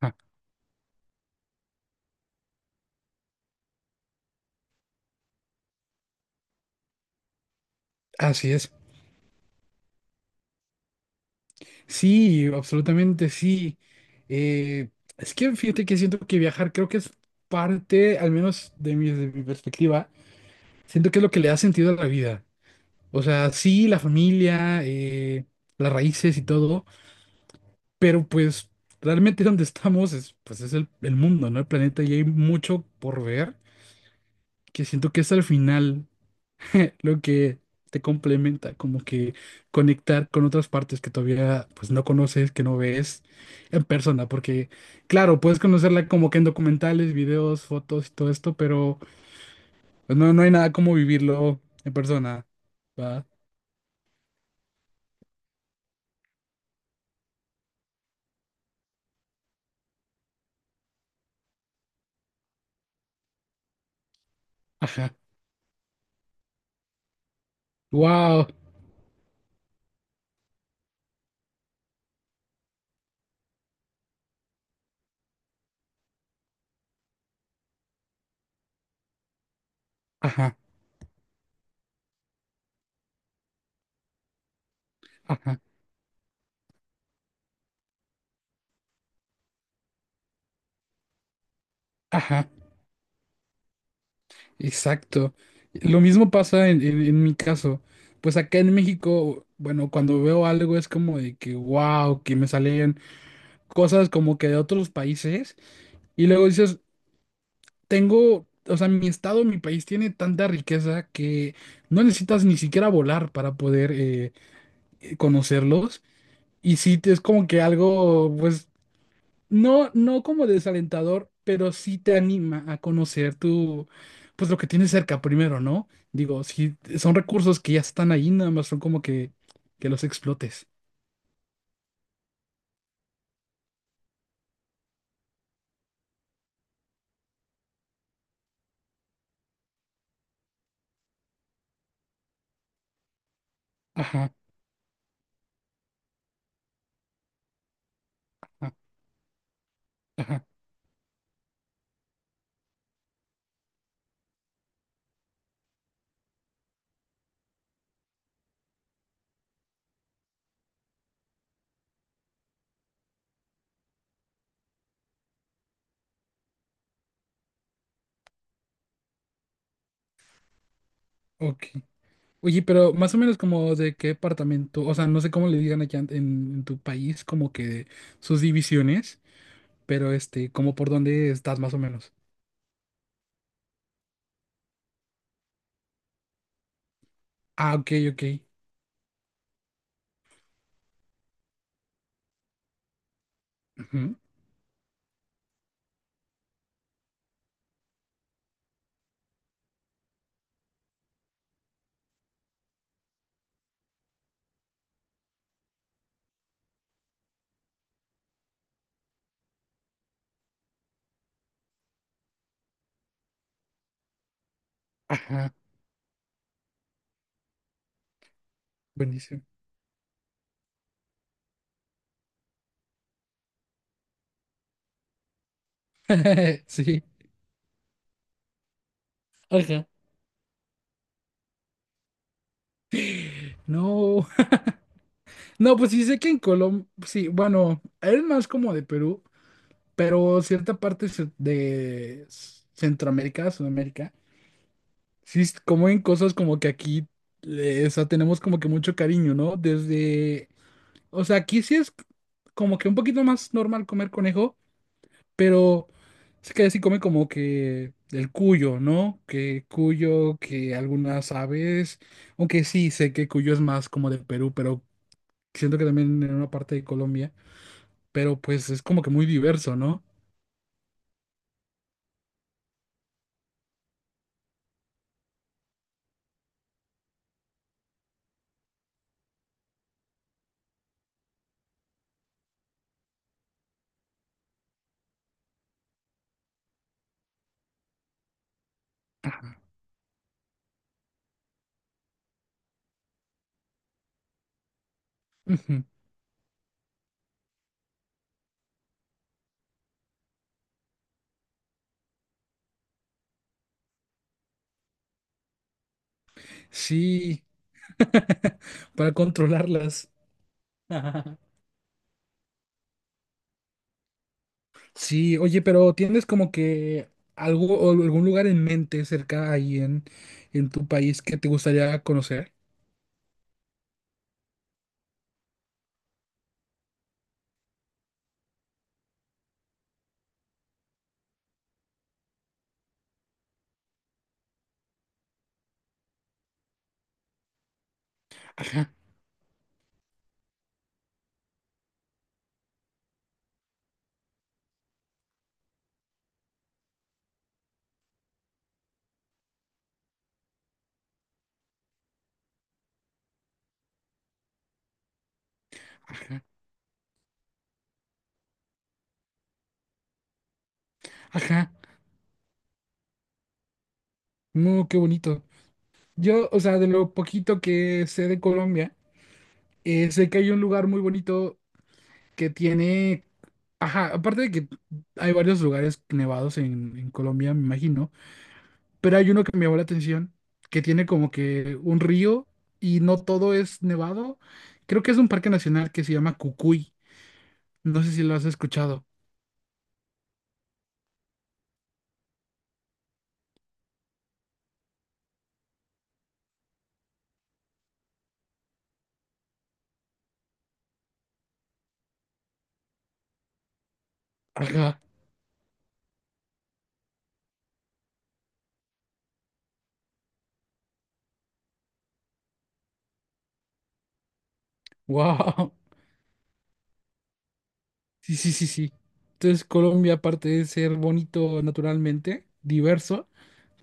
Ah, así es. Sí, absolutamente sí. Eh, es que fíjate que siento que viajar creo que es parte, al menos de mi perspectiva, siento que es lo que le da sentido a la vida. O sea, sí, la familia, las raíces y todo, pero pues realmente donde estamos es, pues es el mundo, ¿no? El planeta y hay mucho por ver que siento que es al final. lo que te complementa, como que conectar con otras partes que todavía pues no conoces, que no ves en persona, porque claro, puedes conocerla como que en documentales, videos, fotos y todo esto, pero pues, no, no hay nada como vivirlo en persona, ¿va? Ajá, wow, ajá, ajá, ajá, exacto. Lo mismo pasa en mi caso. Pues acá en México, bueno, cuando veo algo es como de que, wow, que me salen cosas como que de otros países. Y luego dices, tengo, o sea, mi estado, mi país tiene tanta riqueza que no necesitas ni siquiera volar para poder conocerlos. Y sí, te- es como que algo, pues, no, no como desalentador, pero sí te anima a conocer tu, pues, lo que tienes cerca primero, ¿no? Digo, sí, son recursos que ya están ahí, nada más son como que los explotes. Ajá, ajá, ajá, ok. Oye, pero más o menos como de qué departamento, o sea, no sé cómo le digan aquí en tu país, como que sus divisiones, pero este, como por dónde estás más o menos. Ah, ok, ok. Ujú. Ajá, buenísimo. Sí, ajá. No, no, pues sí sé que en Colombia, sí, bueno, eres más como de Perú, pero cierta parte se- de Centroamérica, Sudamérica, sí, es como en cosas como que aquí, o sea, tenemos como que mucho cariño, ¿no? Desde, o sea, aquí sí es como que un poquito más normal comer conejo, pero es que sí come como que el cuyo, ¿no? Que cuyo, que algunas aves, aunque sí sé que cuyo es más como de Perú, pero siento que también en una parte de Colombia, pero pues es como que muy diverso, ¿no? Ajá. Ujú. Sí, para controlarlas. Sí, oye, pero ¿tienes como que algo o algún lugar en mente cerca ahí en tu país que te gustaría conocer? Ajá, ajá, ajá. No, qué bonito. Yo, o sea, de lo poquito que sé de Colombia, sé que hay un lugar muy bonito que tiene, ajá, aparte de que hay varios lugares nevados en Colombia, me imagino, pero hay uno que me llamó la atención, que tiene como que un río y no todo es nevado. Creo que es un parque nacional que se llama Cucuy. No sé si lo has escuchado. Ajá. Wow. Sí, sí, sí, sí. Entonces Colombia, aparte de ser bonito naturalmente, diverso,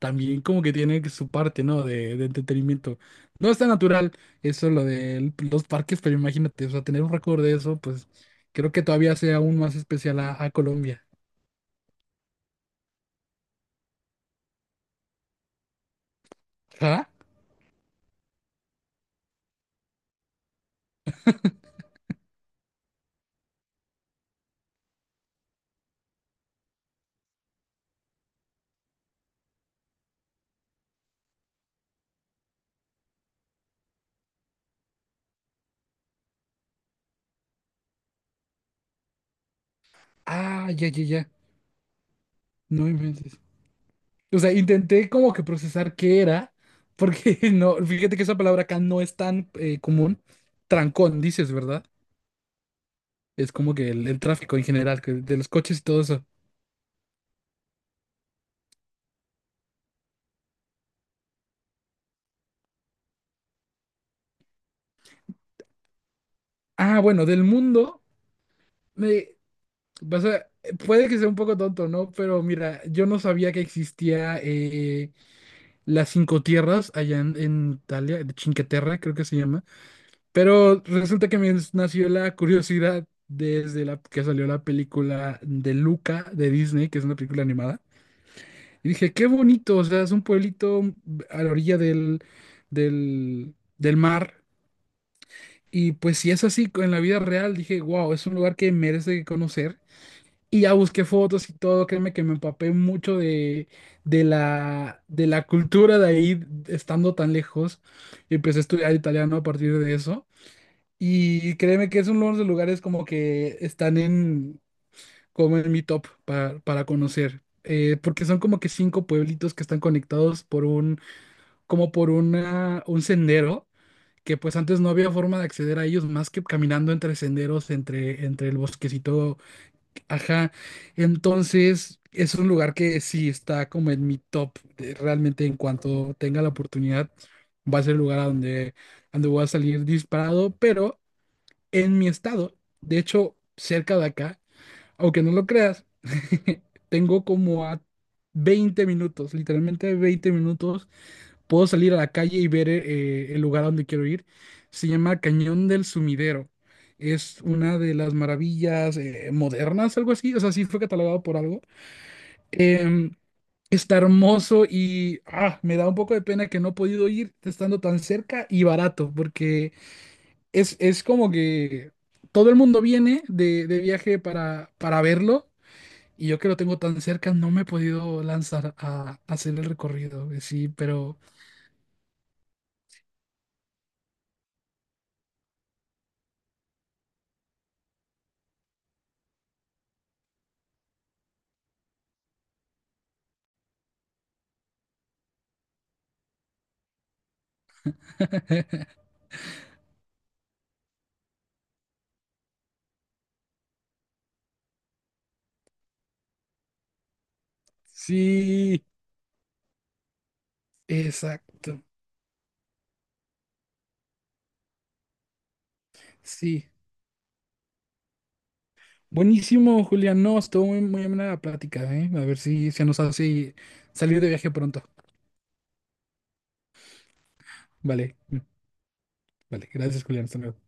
también como que tiene su parte, ¿no? De entretenimiento. No está natural eso lo de los parques, pero imagínate, o sea, tener un récord de eso, pues creo que todavía sea aún más especial a Colombia. Ajá. Ah, ya, ya, ya. No inventes. O sea, intenté como que procesar qué era, porque no, fíjate que esa palabra acá no es tan común. Trancón, dices, ¿verdad? Es como que el tráfico en general, que de los coches y todo eso. Ah, bueno, del mundo, me, vas a- puede que sea un poco tonto, ¿no? Pero mira, yo no sabía que existía las cinco tierras allá en Italia, de Cinque Terre, creo que se llama. Pero resulta que me nació la curiosidad desde la que salió la película de Luca de Disney, que es una película animada. Y dije, qué bonito, o sea, es un pueblito a la orilla del mar. Y pues si es así en la vida real, dije, wow, es un lugar que merece conocer. Y ya busqué fotos y todo, créeme que me empapé mucho de, de la cultura de ahí, estando tan lejos. Y empecé a estudiar italiano a partir de eso. Y créeme que es uno de los lugares como que están en, como en mi top para conocer. Porque son como que cinco pueblitos que están conectados por un, como por una, un sendero, que pues antes no había forma de acceder a ellos más que caminando entre senderos, entre, entre el bosquecito. Ajá. Entonces, es un lugar que sí está como en mi top. De- Realmente en cuanto tenga la oportunidad, va a ser el lugar a donde, donde voy a salir disparado, pero en mi estado, de hecho, cerca de acá, aunque no lo creas, tengo como a 20 minutos, literalmente 20 minutos, puedo salir a la calle y ver el lugar a donde quiero ir. Se llama Cañón del Sumidero. Es una de las maravillas modernas, algo así. O sea, sí fue catalogado por algo. Em, está hermoso y ah, me da un poco de pena que no he podido ir estando tan cerca y barato, porque es como que todo el mundo viene de viaje para verlo y yo que lo tengo tan cerca no me he podido lanzar a hacer el recorrido. Sí, pero sí, exacto, sí. Buenísimo, Julián. No, estuvo muy, muy amena la plática, ¿eh? A ver si se nos hace salir de viaje pronto. Vale, vale. Gracias, Julián. Hasta luego.